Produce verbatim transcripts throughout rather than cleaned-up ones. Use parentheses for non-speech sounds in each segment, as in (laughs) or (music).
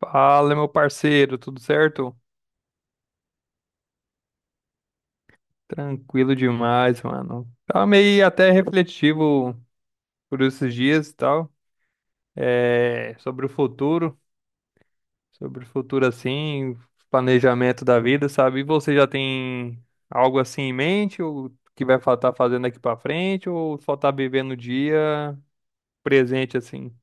Fala, meu parceiro, tudo certo? Tranquilo demais, mano. Tava meio até refletivo por esses dias e tal, é, sobre o futuro, sobre o futuro assim, planejamento da vida, sabe? E você já tem algo assim em mente, ou que vai estar fazendo aqui pra frente, ou só tá vivendo o dia presente assim?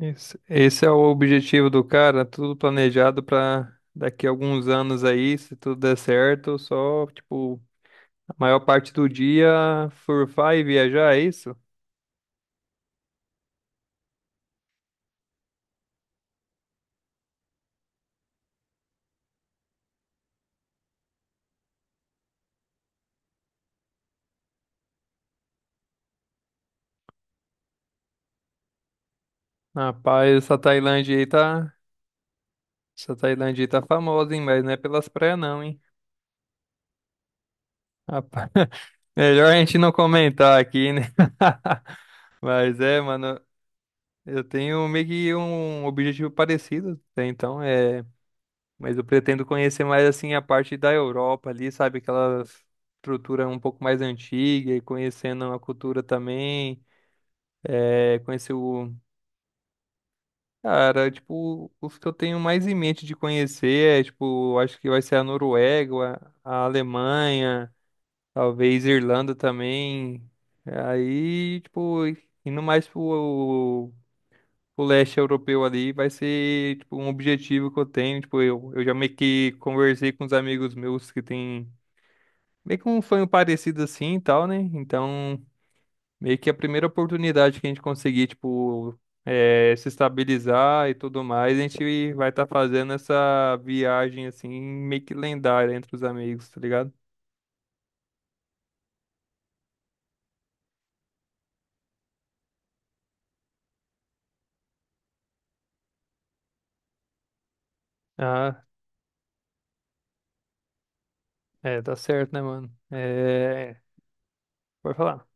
Esse, esse é o objetivo do cara, tudo planejado pra daqui a alguns anos aí, se tudo der certo, só tipo maior parte do dia surfar e viajar, é isso? Rapaz, essa Tailândia aí tá. Essa Tailândia aí tá famosa, hein? Mas não é pelas praias, não, hein? Rapaz, (laughs) melhor a gente não comentar aqui, né? (laughs) Mas é, mano, eu tenho meio que um objetivo parecido, né? Então é. Mas eu pretendo conhecer mais assim a parte da Europa ali, sabe? Aquela estrutura um pouco mais antiga e conhecendo a cultura também. É, conhecer o cara, tipo, os que eu tenho mais em mente de conhecer é, tipo, acho que vai ser a Noruega, a Alemanha, talvez Irlanda também. Aí, tipo, indo mais pro, pro leste europeu ali, vai ser, tipo, um objetivo que eu tenho. Tipo, eu, eu já meio que conversei com os amigos meus que tem meio que um sonho parecido assim e tal, né? Então, meio que a primeira oportunidade que a gente conseguir, tipo, eh, se estabilizar e tudo mais, a gente vai estar fazendo essa viagem, assim, meio que lendária entre os amigos, tá ligado? Ah, é, tá certo, né, mano? É, pode falar.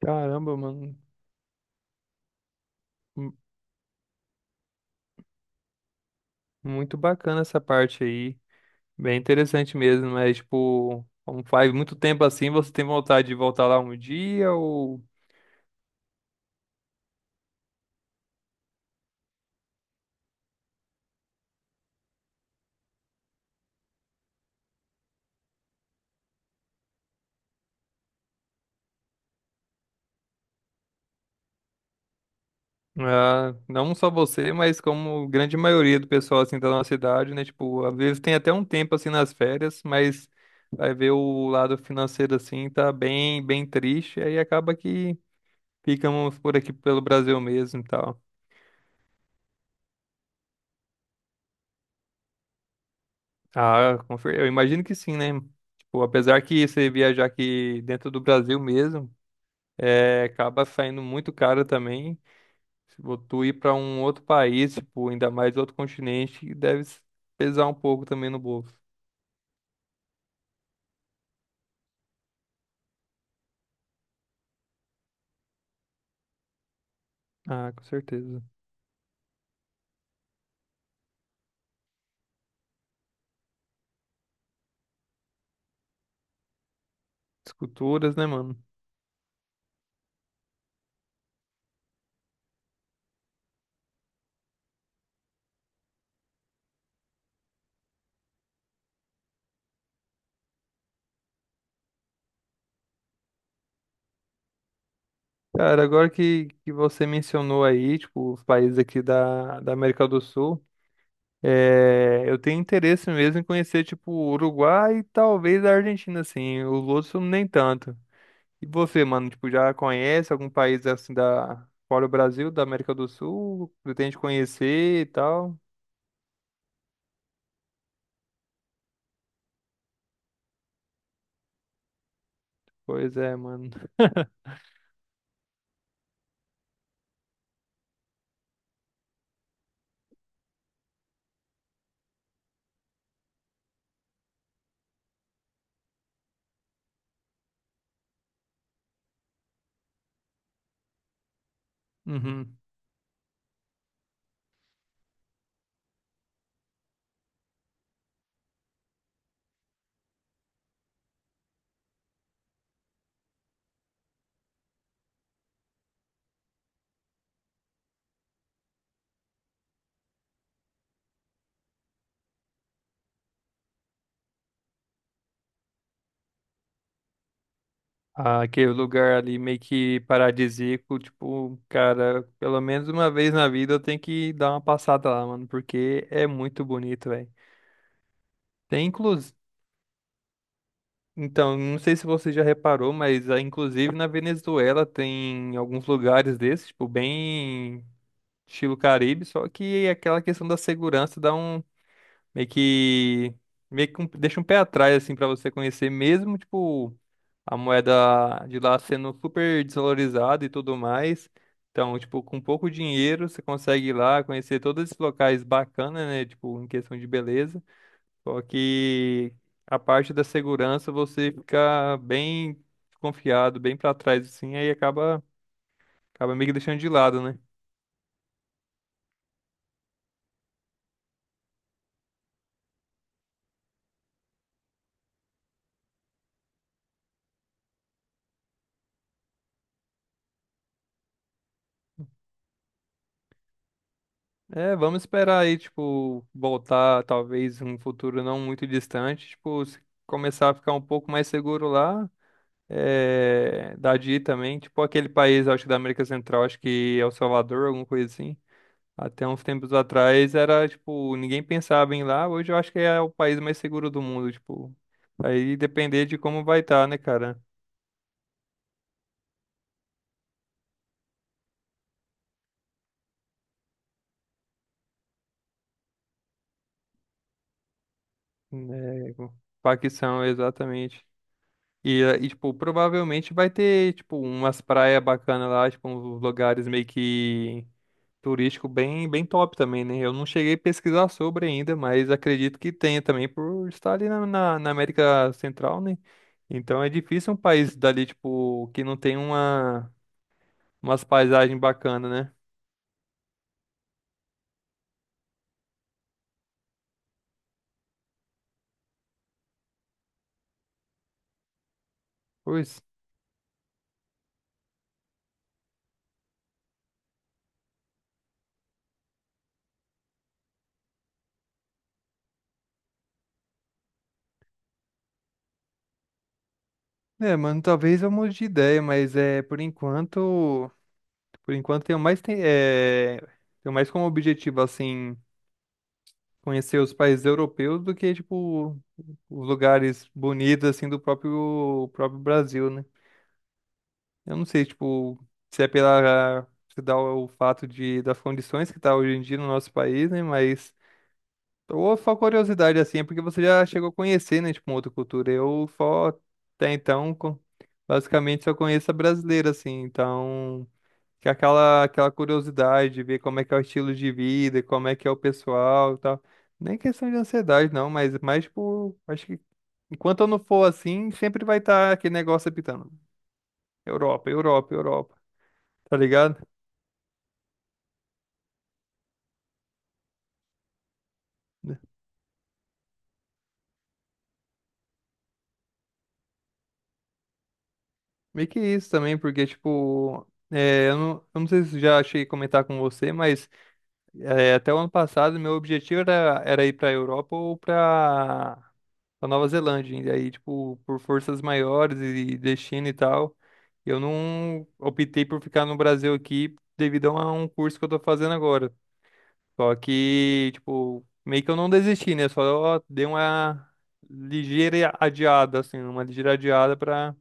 Caramba, mano, mu- muito bacana essa parte aí, bem interessante mesmo, mas, tipo, como faz muito tempo assim, você tem vontade de voltar lá um dia ou... Ah, não só você, mas como grande maioria do pessoal assim da nossa cidade, né? Tipo, às vezes tem até um tempo assim nas férias, mas vai ver o lado financeiro assim, tá bem, bem triste, aí acaba que ficamos por aqui pelo Brasil mesmo e tal. Ah, confer- eu imagino que sim, né? Tipo, apesar que você viajar aqui dentro do Brasil mesmo, é, acaba saindo muito caro também. Se vo- tu ir pra um outro país, tipo, ainda mais outro continente, deve s- pesar um pouco também no bolso. Ah, com certeza. As culturas, né, mano? Cara, agora que, que você mencionou aí, tipo, os países aqui da, da América do Sul, é, eu tenho interesse mesmo em conhecer, tipo, o Uruguai e talvez a Argentina, assim. Os outros nem tanto. E você, mano, tipo, já conhece algum país, assim, da, fora o Brasil, da América do Sul? Pretende conhecer e tal? Pois é, mano. Uhum. Ah, aquele lugar ali meio que paradisíaco, tipo, cara, pelo menos uma vez na vida eu tenho que dar uma passada lá, mano, porque é muito bonito, velho. Tem inclusive, então, não sei se você já reparou, mas ah, inclusive na Venezuela tem alguns lugares desses, tipo, bem estilo Caribe, só que é aquela questão da segurança dá um meio que. Meio que um- deixa um pé atrás, assim, pra você conhecer, mesmo, tipo, a moeda de lá sendo super desvalorizada e tudo mais. Então, tipo, com pouco dinheiro, você consegue ir lá conhecer todos esses locais bacanas, né? Tipo, em questão de beleza. Só que a parte da segurança você fica bem confiado, bem pra trás, assim, aí acaba, acaba meio que deixando de lado, né? É, vamos esperar aí, tipo, voltar talvez um futuro não muito distante, tipo, se começar a ficar um pouco mais seguro lá, é, da D I também, tipo aquele país, acho que da América Central, acho que El Salvador, alguma coisa assim. Até uns tempos atrás era, tipo, ninguém pensava em ir lá, hoje eu acho que é o país mais seguro do mundo, tipo, aí depender de como vai estar, né, cara? É, Paquistão, exatamente. E, eh, e, tipo, provavelmente vai ter, tipo, umas praias bacanas lá, tipo, uns lugares meio que turístico bem, bem top também, né? Eu não cheguei a pesquisar sobre ainda, mas acredito que tenha também por estar ali na, na, na América Central, né? Então é difícil um país dali, tipo, que não tem uma, umas paisagens bacanas, né? Pois. É, mano, talvez eu mude de ideia, mas é, por enquanto, por enquanto tenho mais, tem, é, tenho mais como objetivo, assim, conhecer os países europeus do que, tipo, os lugares bonitos, assim, do próprio, próprio Brasil, né? Eu não sei, tipo, se é pela, se dá o fato de, das condições que tá hoje em dia no nosso país, né? Mas, ou só curiosidade, assim, é porque você já chegou a conhecer, né, tipo, uma outra cultura. Eu só, até então, co- basicamente só conheço a brasileira, assim, então que é aquela, aquela curiosidade, de ver como é que é o estilo de vida, como é que é o pessoal e tal. Nem questão de ansiedade, não, mas mais, tipo, acho que enquanto eu não for assim, sempre vai estar aquele negócio apitando. Europa, Europa, Europa, tá ligado? Meio que isso também, porque, tipo, é, eu não, eu não sei se já cheguei a comentar com você, mas é, até o ano passado meu objetivo era, era ir pra Europa ou pra da Nova Zelândia. E aí, tipo, por forças maiores e destino e tal, eu não optei por ficar no Brasil aqui devido a um curso que eu tô fazendo agora. Só que, tipo, meio que eu não desisti, né? Só dei uma ligeira adiada, assim, uma ligeira adiada pra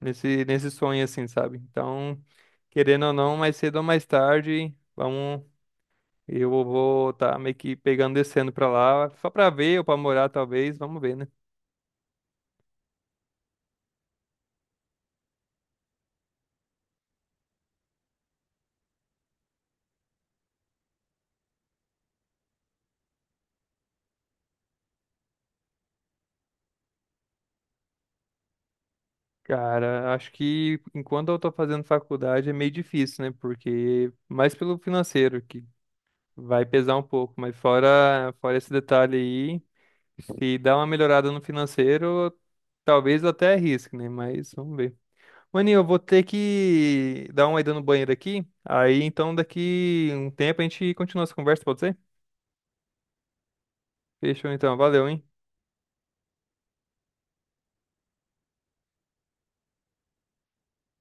nesse, nesse sonho, assim, sabe? Então, querendo ou não, mais cedo ou mais tarde, vamos. Eu vou estar meio que pegando, descendo pra lá, só pra ver ou pra morar, talvez, vamos ver, né? Cara, acho que enquanto eu tô fazendo faculdade é meio difícil, né? Porque mais pelo financeiro que vai pesar um pouco, mas fora fora esse detalhe aí, se dá uma melhorada no financeiro, talvez eu até arrisque, né? Mas vamos ver. Maninho, eu vou ter que dar uma ida no banheiro aqui. Aí então daqui um tempo a gente continua essa conversa, pode ser? Fechou então, valeu, hein?